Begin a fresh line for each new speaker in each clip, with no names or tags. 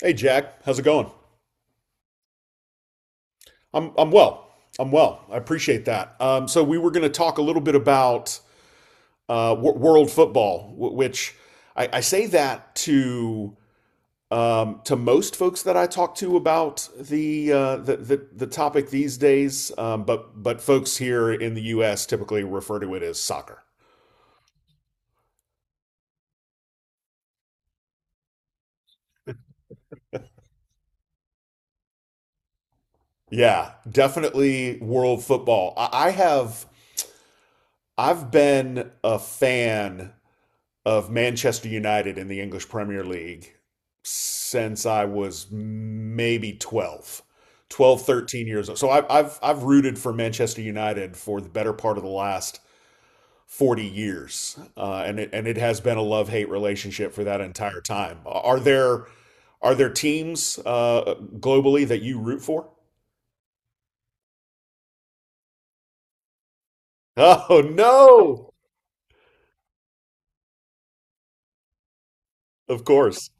Hey, Jack, how's it going? I'm well. I'm well. I appreciate that. So we were going to talk a little bit about world football, which I say that to most folks that I talk to about the topic these days, but folks here in the U.S. typically refer to it as soccer. Yeah, definitely world football. I've been a fan of Manchester United in the English Premier League since I was maybe 12, 12, 13 years old. So I've rooted for Manchester United for the better part of the last 40 years. And it has been a love hate relationship for that entire time. Are there teams globally that you root for? Oh, no. Of course.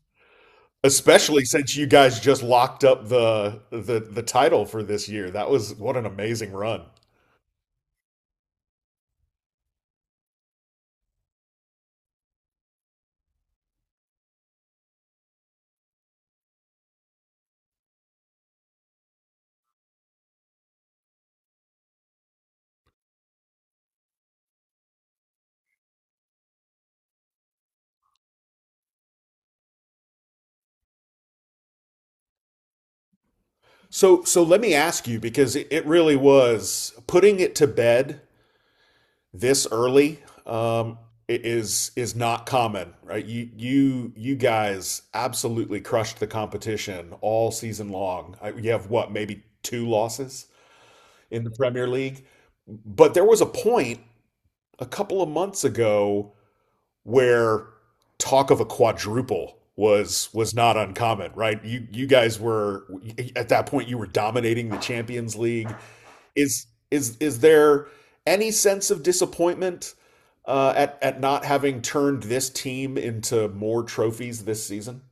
Especially since you guys just locked up the title for this year. That was what an amazing run. So let me ask you because it really was putting it to bed this early um is not common, right? You guys absolutely crushed the competition all season long. You have what, maybe two losses in the Premier League? But there was a point a couple of months ago where talk of a quadruple was not uncommon, right? You guys were at that point you were dominating the Champions League. Is there any sense of disappointment at not having turned this team into more trophies this season?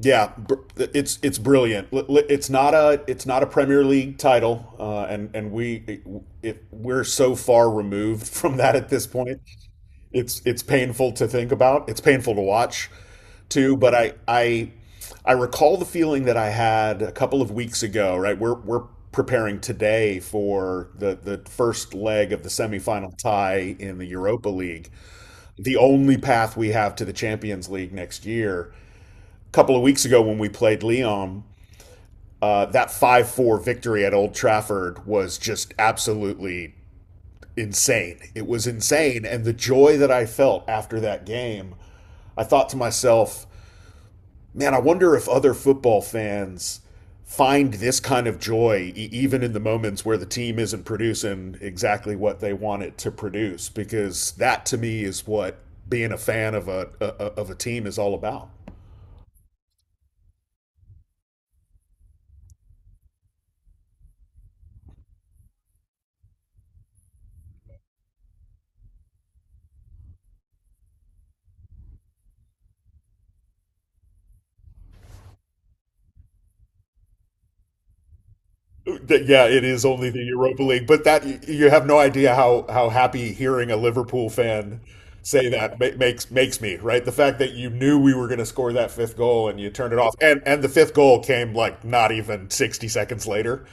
Yeah, it's brilliant. It's not a Premier League title, and we're so far removed from that at this point. It's painful to think about. It's painful to watch too, but I recall the feeling that I had a couple of weeks ago, right? We're preparing today for the first leg of the semifinal tie in the Europa League, the only path we have to the Champions League next year. A couple of weeks ago when we played Lyon, that 5-4 victory at Old Trafford was just absolutely insane. It was insane and the joy that I felt after that game I thought to myself, man, I wonder if other football fans find this kind of joy even in the moments where the team isn't producing exactly what they want it to produce because that to me is what being a fan of a team is all about. Yeah, it is only the Europa League, but you have no idea how happy hearing a Liverpool fan say that makes me, right? The fact that you knew we were going to score that fifth goal and you turned it off, and the fifth goal came like not even 60 seconds later.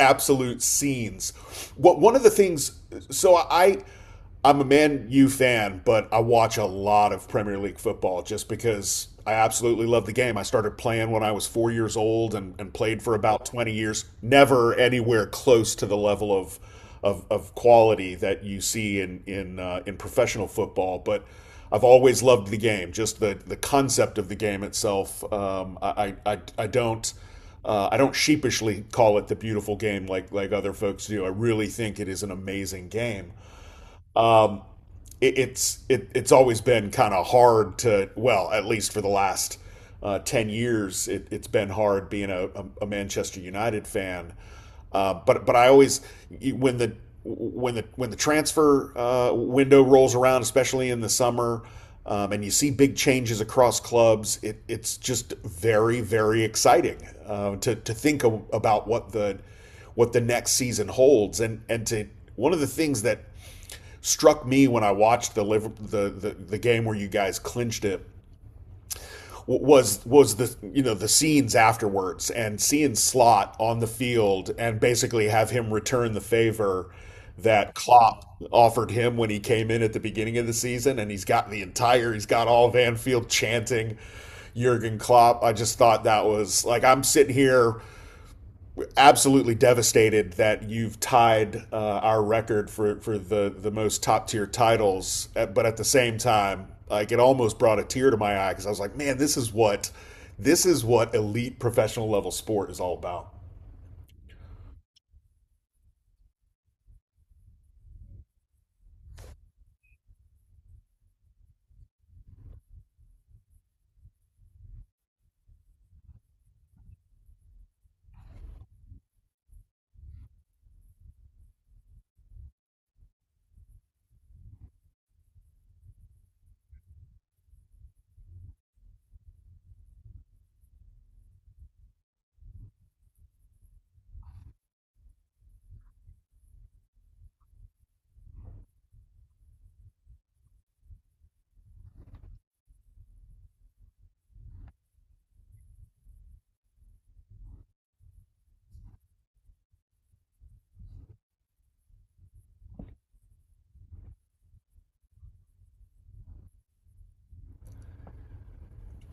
Absolute scenes. What one of the things? So I'm a Man U fan, but I watch a lot of Premier League football just because I absolutely love the game. I started playing when I was 4 years old and played for about 20 years. Never anywhere close to the level of of quality that you see in in professional football, but. I've always loved the game, just the concept of the game itself. I don't sheepishly call it the beautiful game like other folks do. I really think it is an amazing game it's always been kind of hard to well, at least for the last 10 years, it's been hard being a Manchester United fan. But I always when the when the transfer window rolls around, especially in the summer, and you see big changes across clubs, it's just very very exciting to about what the next season holds, and to one of the things that struck me when I watched the liver, the game where you guys clinched it was the you know the scenes afterwards and seeing Slot on the field and basically have him return the favor that Klopp offered him when he came in at the beginning of the season and he's got all Van Field chanting Jurgen Klopp. I just thought that was like I'm sitting here absolutely devastated that you've tied our record for, the most top tier titles. But at the same time, like it almost brought a tear to my eye because I was like, man, this is what elite professional level sport is all about.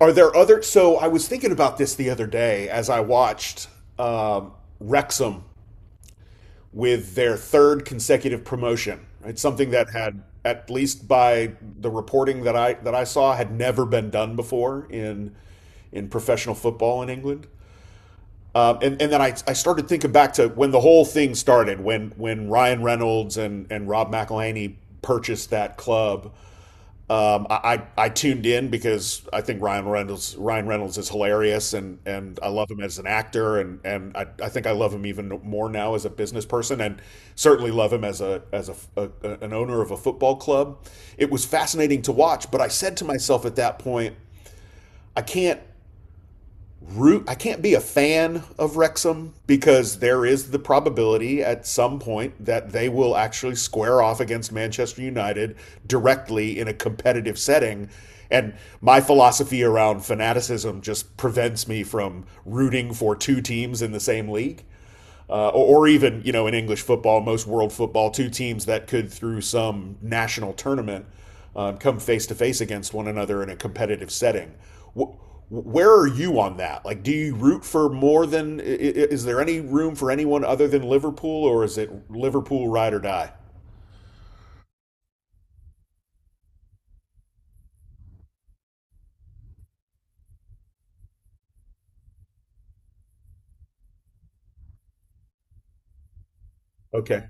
Are there other? So I was thinking about this the other day as I watched um, Wrexham with their third consecutive promotion. Right, something that had, at least by the reporting that I saw, had never been done before in professional football in England. And then I started thinking back to when the whole thing started, when Ryan Reynolds and Rob McElhenney purchased that club I tuned in because I think Ryan Reynolds is hilarious and I love him as an actor and and I think I love him even more now as a business person and certainly love him as a an owner of a football club. It was fascinating to watch, but I said to myself at that point, I can't I can't be a fan of Wrexham because there is the probability at some point that they will actually square off against Manchester United directly in a competitive setting and my philosophy around fanaticism just prevents me from rooting for two teams in the same league or even you know in English football, most world football, two teams that could through some national tournament come face to face against one another in a competitive setting. Wh- where are you on that? Like, do you root for more than? Is there any room for anyone other than Liverpool, or is it Liverpool ride or die? Okay.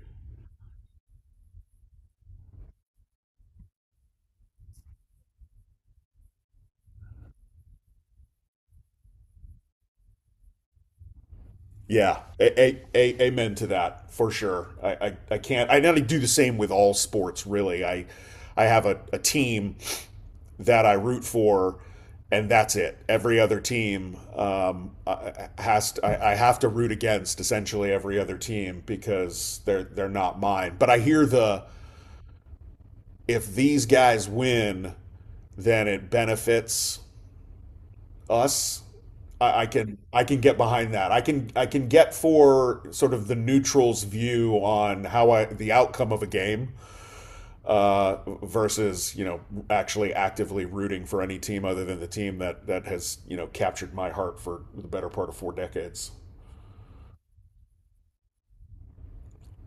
Yeah. Amen to that for sure. I can't. I not do the same with all sports. Really, I have a team that I root for, and that's it. Every other team has I have to root against essentially every other team because they're not mine. But I hear the if these guys win, then it benefits us. I can get behind that. I can get for sort of the neutral's view on how I the outcome of a game uh, versus you know actually actively rooting for any team other than the team that has you know captured my heart for the better part of 4 decades.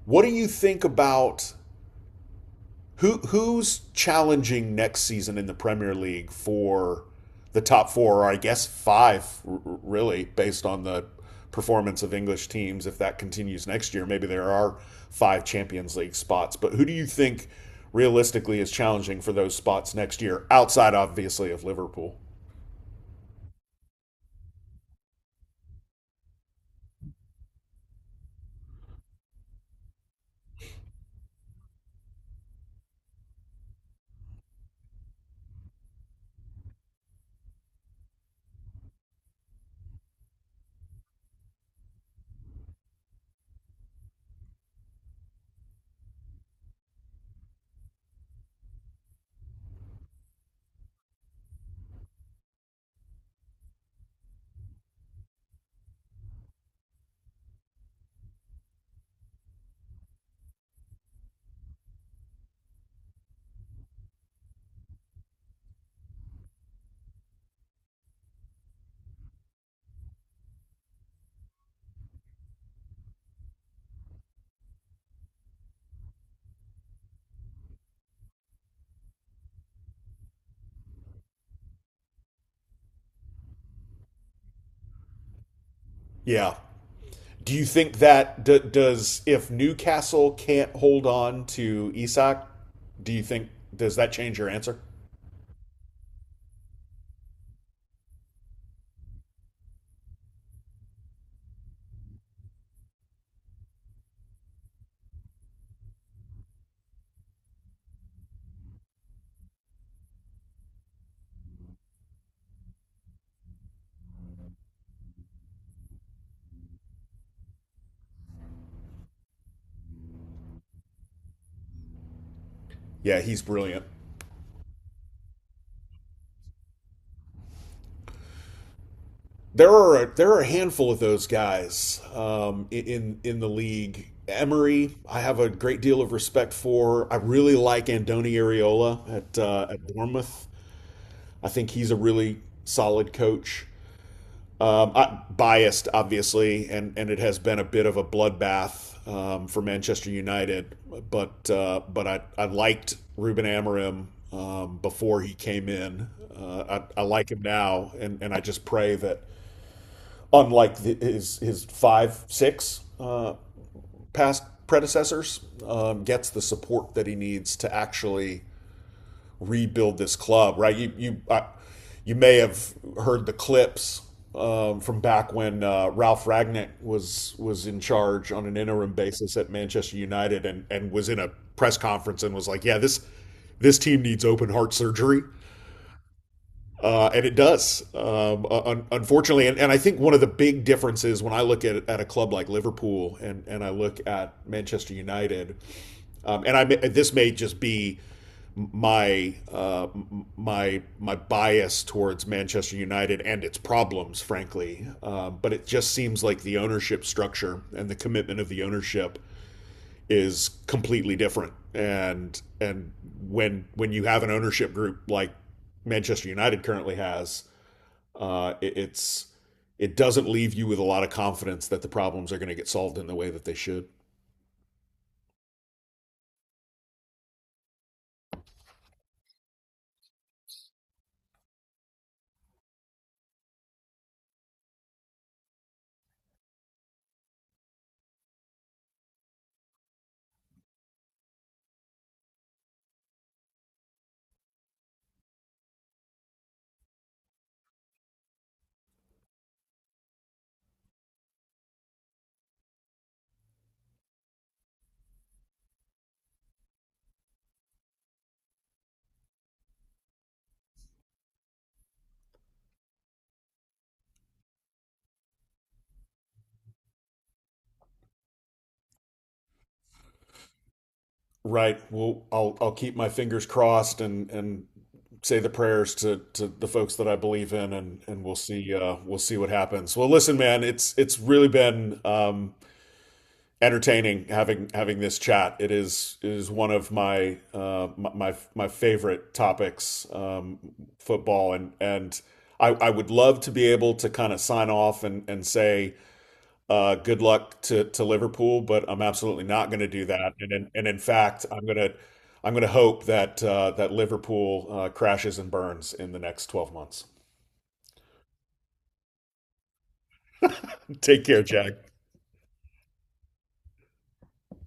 What do you think about who's challenging next season in the Premier League for the top four, or I guess five, really, based on the performance of English teams. If that continues next year, maybe there are five Champions League spots. But who do you think realistically is challenging for those spots next year, outside obviously of Liverpool? Yeah. Do you think that d- does if Newcastle can't hold on to Isak, do you think does that change your answer? Yeah, he's brilliant. There are a handful of those guys in the league. Emery, I have a great deal of respect for. I really like Andoni Areola at Bournemouth. I think he's a really solid coach. Um, Biased, obviously, and it has been a bit of a bloodbath for Manchester United. But I liked Ruben Amorim before he came in. I like him now, and I just pray that his 5 6 past predecessors, gets the support that he needs to actually rebuild this club, right? You may have heard the clips from back when Ralph Ragnick was in charge on an interim basis at Manchester United, and was in a press conference and was like, "Yeah, this team needs open heart surgery," and it does, unfortunately. And I think one of the big differences when I look at a club like Liverpool and I look at Manchester United, and I this may just be my bias towards Manchester United and its problems, frankly. But it just seems like the ownership structure and the commitment of the ownership is completely different. And when you have an ownership group like Manchester United currently has, it's it doesn't leave you with a lot of confidence that the problems are going to get solved in the way that they should. Right. Well, I'll keep my fingers crossed and say the prayers to the folks that I believe in, and we'll see what happens. Well, listen, man, it's really been entertaining having this chat. It is one of my my favorite topics, football, and I would love to be able to kind of sign off and say good luck to Liverpool, but I'm absolutely not going to do that. And in fact, I'm gonna hope that that Liverpool crashes and burns in the next 12 months. Take care, Jack.